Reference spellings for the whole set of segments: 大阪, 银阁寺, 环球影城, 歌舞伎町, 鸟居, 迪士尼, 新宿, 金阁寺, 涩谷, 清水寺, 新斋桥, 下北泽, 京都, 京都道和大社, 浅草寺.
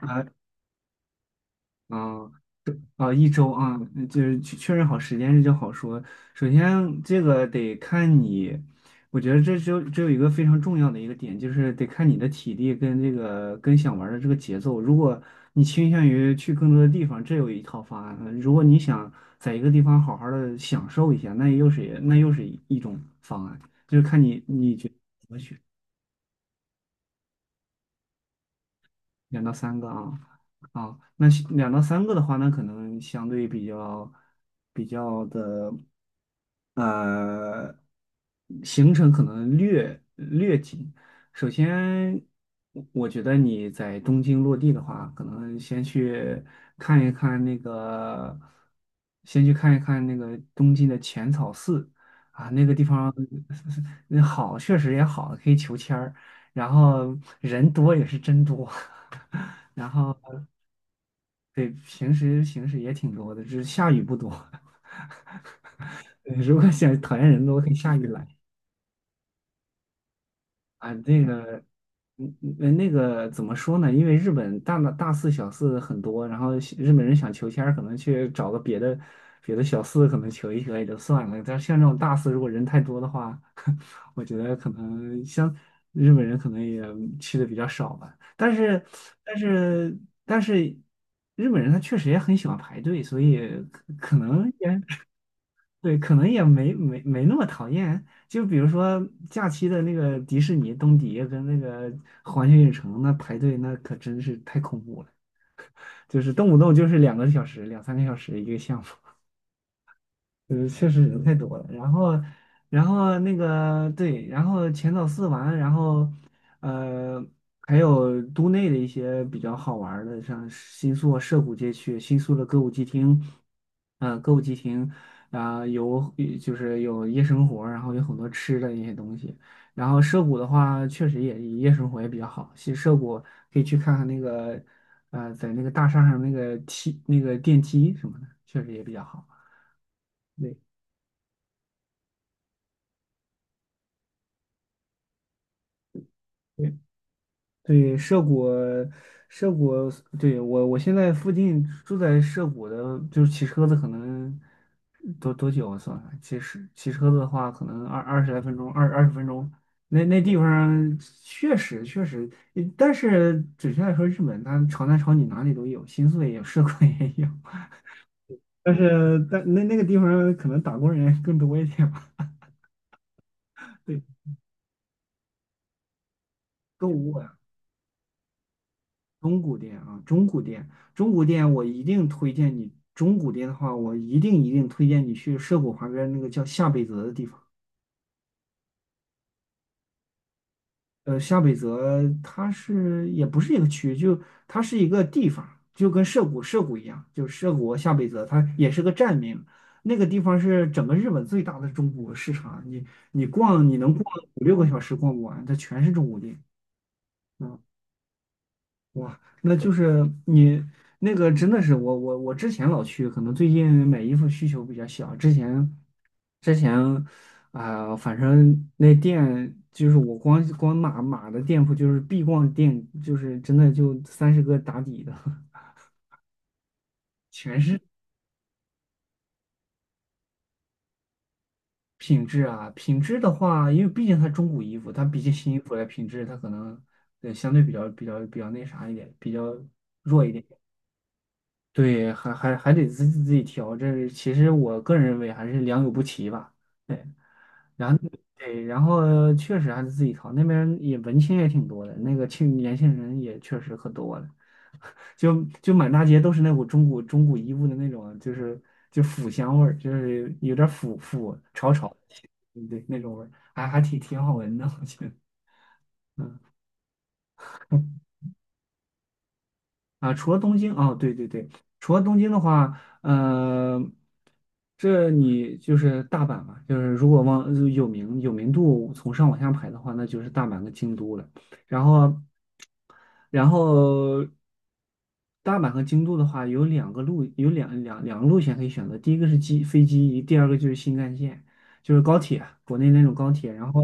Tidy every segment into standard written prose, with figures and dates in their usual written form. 啊啊啊！一周啊，嗯就是确认好时间这就好说。首先，这个得看你，我觉得这只有一个非常重要的一个点，就是得看你的体力跟这个跟想玩儿的这个节奏。如果你倾向于去更多的地方，这有一套方案；如果你想在一个地方好好的享受一下，那又是一种方案。就是看你觉两到三个啊，啊，那是两到三个的话，那可能相对比较比较的，呃，行程可能略紧。首先，我觉得你在东京落地的话，可能先去看一看那个，先去看一看那个东京的浅草寺啊，那个地方。 那好，确实也好，可以求签儿，然后人多也是真多。然后对，平时也挺多的，只是下雨不多。如果想讨厌人多，可以下雨来。啊，那个，嗯嗯，那个怎么说呢？因为日本大四小四很多，然后西日本人想求签儿可能去找个别的别的小四，可能求一求也就算了。但是像这种大四，如果人太多的话，我觉得可能像日本人可能也去的比较少吧。但是，但是，日本人他确实也很喜欢排队，所以可能也对，可能也没那么讨厌。就比如说假期的那个迪士尼东迪跟那个环球影城，那排队那可真是太恐怖了，就是动不动就是两个小时、两三个小时一个项目。嗯，确实人太多了，然后，然后那个对，然后浅草寺玩，然后，呃，还有都内的一些比较好玩儿的，像新宿涩谷街区、新宿的歌舞伎町，嗯、歌舞伎町啊、有就是有夜生活，然后有很多吃的一些东西。然后涩谷的话，确实也夜生活也比较好。其实涩谷可以去看看那个，在那个大厦上那个梯那个电梯什么的，确实也比较好。对对。对，涉谷，涉谷，对，我现在附近住在涉谷的，就是骑车子可能多久啊算算，骑车车子的话，可能二十来分钟，二十分钟。那那地方确实，嗯但是准确来说，日本它朝南朝女哪里都有，新宿也有，涉谷也有。但是但那那个地方可能打工人更多一点吧，对，购物啊。中古店啊，中古店，中古店，我一定推荐你。中古店的话，我一定推荐你去涉谷旁边那个叫下北泽的地方。呃，下北泽它是也不是一个区，就它是一个地方，就跟涉谷一样，就是涉谷和下北泽，它也是个站名。那个地方是整个日本最大的中古市场，你能逛五六个小时逛不完，它全是中古店。嗯哇，那就是你那个真的是我之前老去，可能最近买衣服需求比较小。之前啊、反正那店就是我光码的店铺，就是必逛店，就是真的就三十个打底的，全是品质啊。品质的话，因为毕竟它中古衣服，它比起新衣服来品质，它可能对相对比较那啥一点，比较弱一点。对，还得自己调，这其实我个人认为还是良莠不齐吧。对，然后对，然后确实还是自己调，那边也文青也挺多的，那个青年轻人也确实可多了，就满大街都是那股中古衣物的那种，就是就腐香味儿，就是有点腐腐潮潮，对那种味儿，还挺好闻的，我觉得。啊，除了东京，哦，对对对，除了东京的话，嗯，这你就是大阪嘛，就是如果往有名度从上往下排的话，那就是大阪跟京都了。然后，然后大阪和京都的话，有两个路，有两个路线可以选择。第一个是机飞机，第二个就是新干线，就是高铁，国内那种高铁。然后，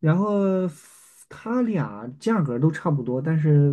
然后它俩价格都差不多，但是。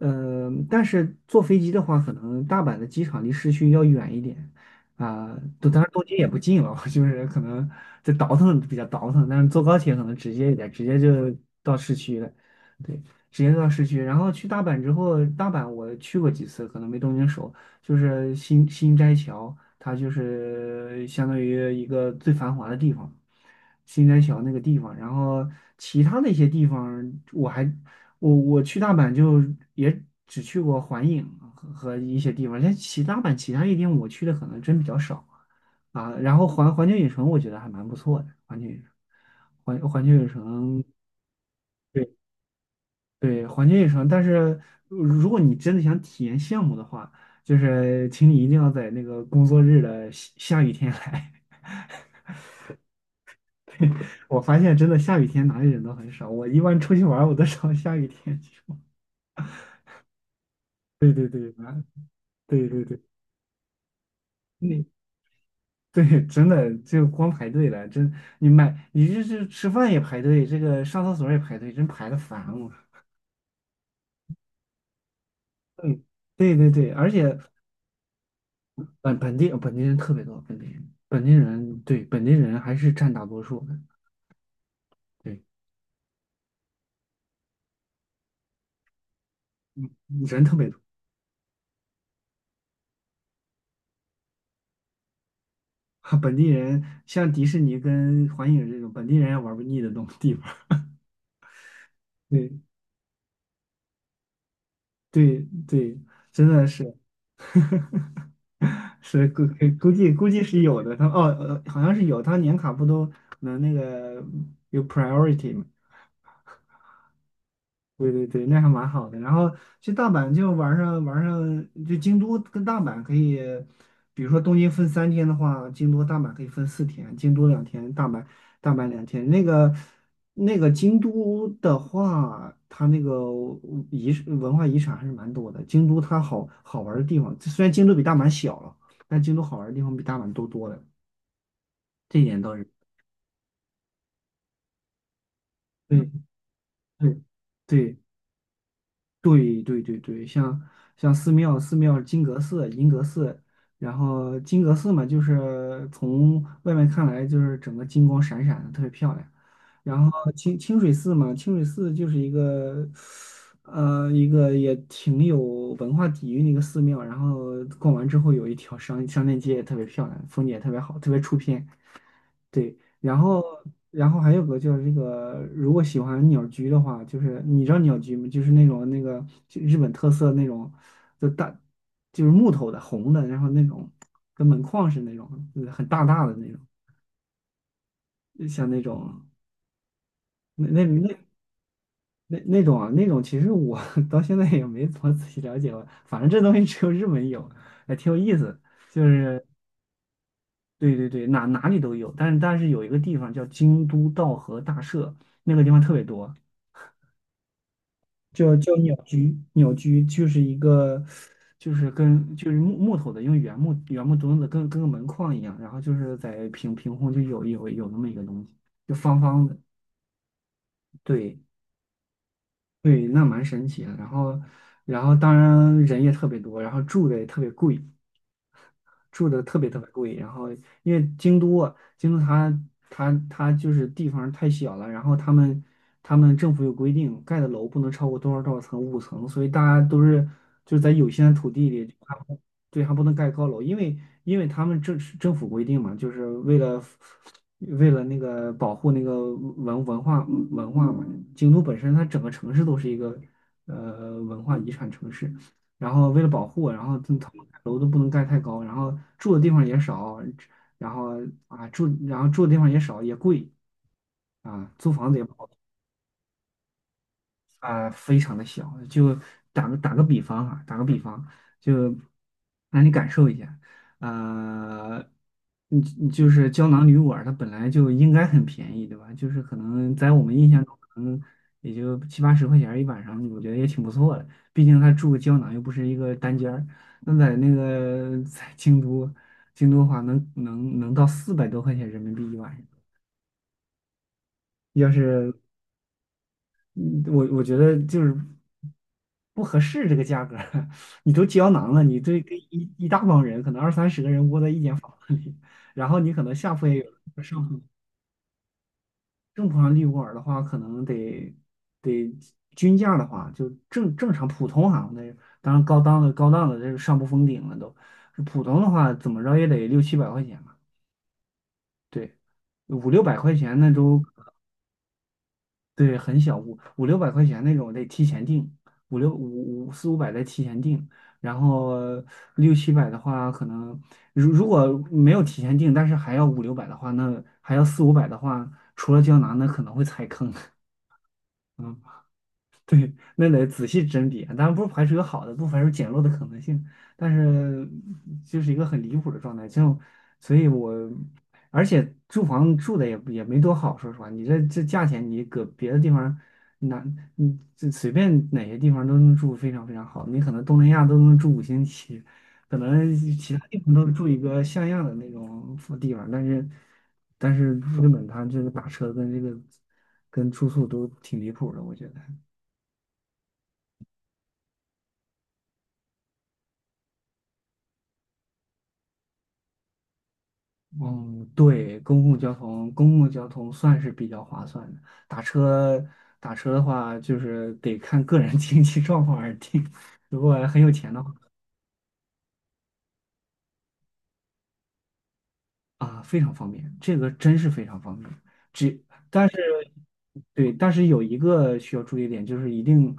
嗯，但是坐飞机的话，可能大阪的机场离市区要远一点啊。都、当然东京也不近了，就是可能这倒腾比较倒腾，但是坐高铁可能直接一点，直接就到市区了。对，直接到市区。然后去大阪之后，大阪我去过几次，可能没东京熟。就是新新斋桥，它就是相当于一个最繁华的地方。新斋桥那个地方，然后其他的一些地方我还我去大阪就也只去过环影啊和和一些地方，像其他阪其他一点我去的可能真比较少啊。啊然后环球影城我觉得还蛮不错的，环球影城，环球影城，对对，环球影城。但是如果你真的想体验项目的话，就是请你一定要在那个工作日的下雨天来。我发现真的下雨天哪里人都很少，我一般出去玩儿我都找下雨天去玩。对对对，啊，对对对。那。对，真的就光排队了，真你买你这是吃饭也排队，这个上厕所也排队，真排的烦我。对对对对，而且本地本地人特别多，本地人对本地人还是占大多数的，对人特别多，本地人像迪士尼跟环影这种本地人也玩不腻的东地方，对对对，真的是。是估估计是有的，他哦，呃好像是有，他年卡不都能那个有 priority 吗？对对对，那还蛮好的。然后去大阪就玩上，就京都跟大阪可以，比如说东京分三天的话，京都大阪可以分四天，京都两天，大阪两天。那个京都的话，它那个遗文化遗产还是蛮多的。京都它好好玩的地方，虽然京都比大阪小了，但京都好玩的地方比大阪多多了。这一点倒是。对对对。对对对对，像像寺庙，寺庙金阁寺、银阁寺，然后金阁寺嘛，就是从外面看来就是整个金光闪闪的，特别漂亮。然后清清水寺嘛，清水寺就是一个一个也挺有文化底蕴的一个寺庙。然后逛完之后有一条商商店街也特别漂亮，风景也特别好，特别出片。对，然后然后还有个就是这个，如果喜欢鸟居的话，就是你知道鸟居吗？就是那种那个就日本特色那种，就大就是木头的红的，然后那种跟门框似的那种，就是很大大的那种，就像那种那那那那那种啊，那种其实我 到现在也没怎么仔细了解过，反正这东西只有日本有，还挺有意思。就是对对对，哪里都有，但是有一个地方叫京都道和大社，那个地方特别多。就鸟居，鸟居就是一个，就是跟就是木头的，用原木墩子跟个门框一样，然后就是在凭空就有那么一个东西，就方方的，对对，那蛮神奇的。然后当然人也特别多，然后住的也特别贵，住的特别特别贵。然后因为京都它就是地方太小了，然后他们政府有规定，盖的楼不能超过多少多少层，5层，所以大家都是就是在有限的土地里，还不对，还不能盖高楼，因为他们政府规定嘛，为了那个保护那个文化嘛，京都本身它整个城市都是一个文化遗产城市。然后为了保护，然后他们楼都不能盖太高，然后住的地方也少，然后啊住，然后住的地方也少，也贵啊，租房子也不好。啊，非常的小。就打个比方哈，打个比方，就让你感受一下，呃，你就是胶囊旅馆，它本来就应该很便宜，对吧？就是可能在我们印象中，可能也就七八十块钱儿一晚上，我觉得也挺不错的。毕竟它住个胶囊又不是一个单间儿。那在那个 在京都，京都的话能到400多块钱人民币一晚上。要是嗯，我觉得就是不合适这个价格儿。 你都胶囊了，你这跟一大帮人，可能二三十个人窝在一间房子里，然后你可能下铺也有人上铺，正铺上利卧儿的话，可能得均价的话，就正常普通哈，那当然高档的这是上不封顶了都，普通的话怎么着也得六七百块钱吧，对，五六百块钱那都，对，很小，五六百块钱那种得提前订，五六五五四五百得提前订，然后六七百的话，可能如果没有提前订，但是还要五六百的话，那还要四五百的话，除了胶囊，那可能会踩坑。嗯，对，那得仔细甄别，当然不排除有好的，不排除捡漏的可能性，但是就是一个很离谱的状态。这种，所以我，而且住房住的也没多好，说实话，你这价钱，你搁别的地方，哪你这随便哪些地方都能住非常非常好，你可能东南亚都能住五星级，可能其他地方都住一个像样的那种地方，但是日本它这个打车跟这个跟住宿都挺离谱的，我觉得。嗯，对，公共交通，公共交通算是比较划算的。打车，打车的话，就是得看个人 经济状况而定。如果很有钱的话，啊，非常方便，这个真是非常方便。只，但是对，但是有一个需要注意点，就是一定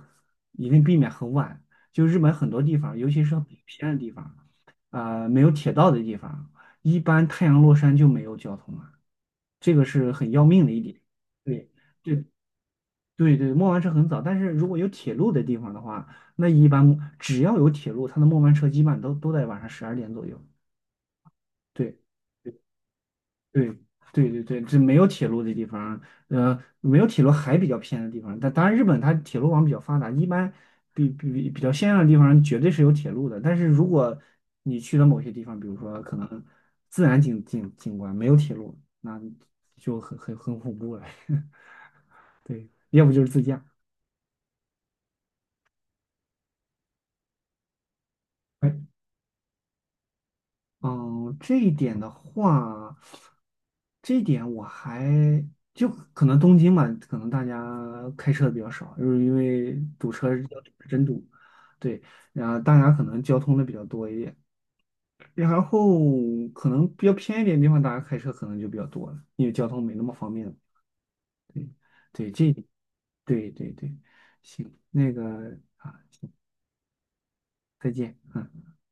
一定避免很晚。就日本很多地方，尤其是比较偏的地方，啊，没有铁道的地方，一般太阳落山就没有交通了，这个是很要命的一点。对对。对对，末班车很早，但是如果有铁路的地方的话，那一般只要有铁路，它的末班车基本都在晚上12点左右。对对对对对，这没有铁路的地方，没有铁路还比较偏的地方，但当然日本它铁路网比较发达，一般比较先进的地方绝对是有铁路的。但是如果你去了某些地方，比如说可能自然景观没有铁路，那就很恐怖了。对，要不就是自驾。哎，嗯，这一点的话，这一点我还就可能东京嘛，可能大家开车的比较少，就是因为堵车是真堵，对，然后大家可能交通的比较多一点，然后可能比较偏一点的地方，大家开车可能就比较多了，因为交通没那么方便了。对，对，这一点，对对对，行，那个啊，再见。嗯。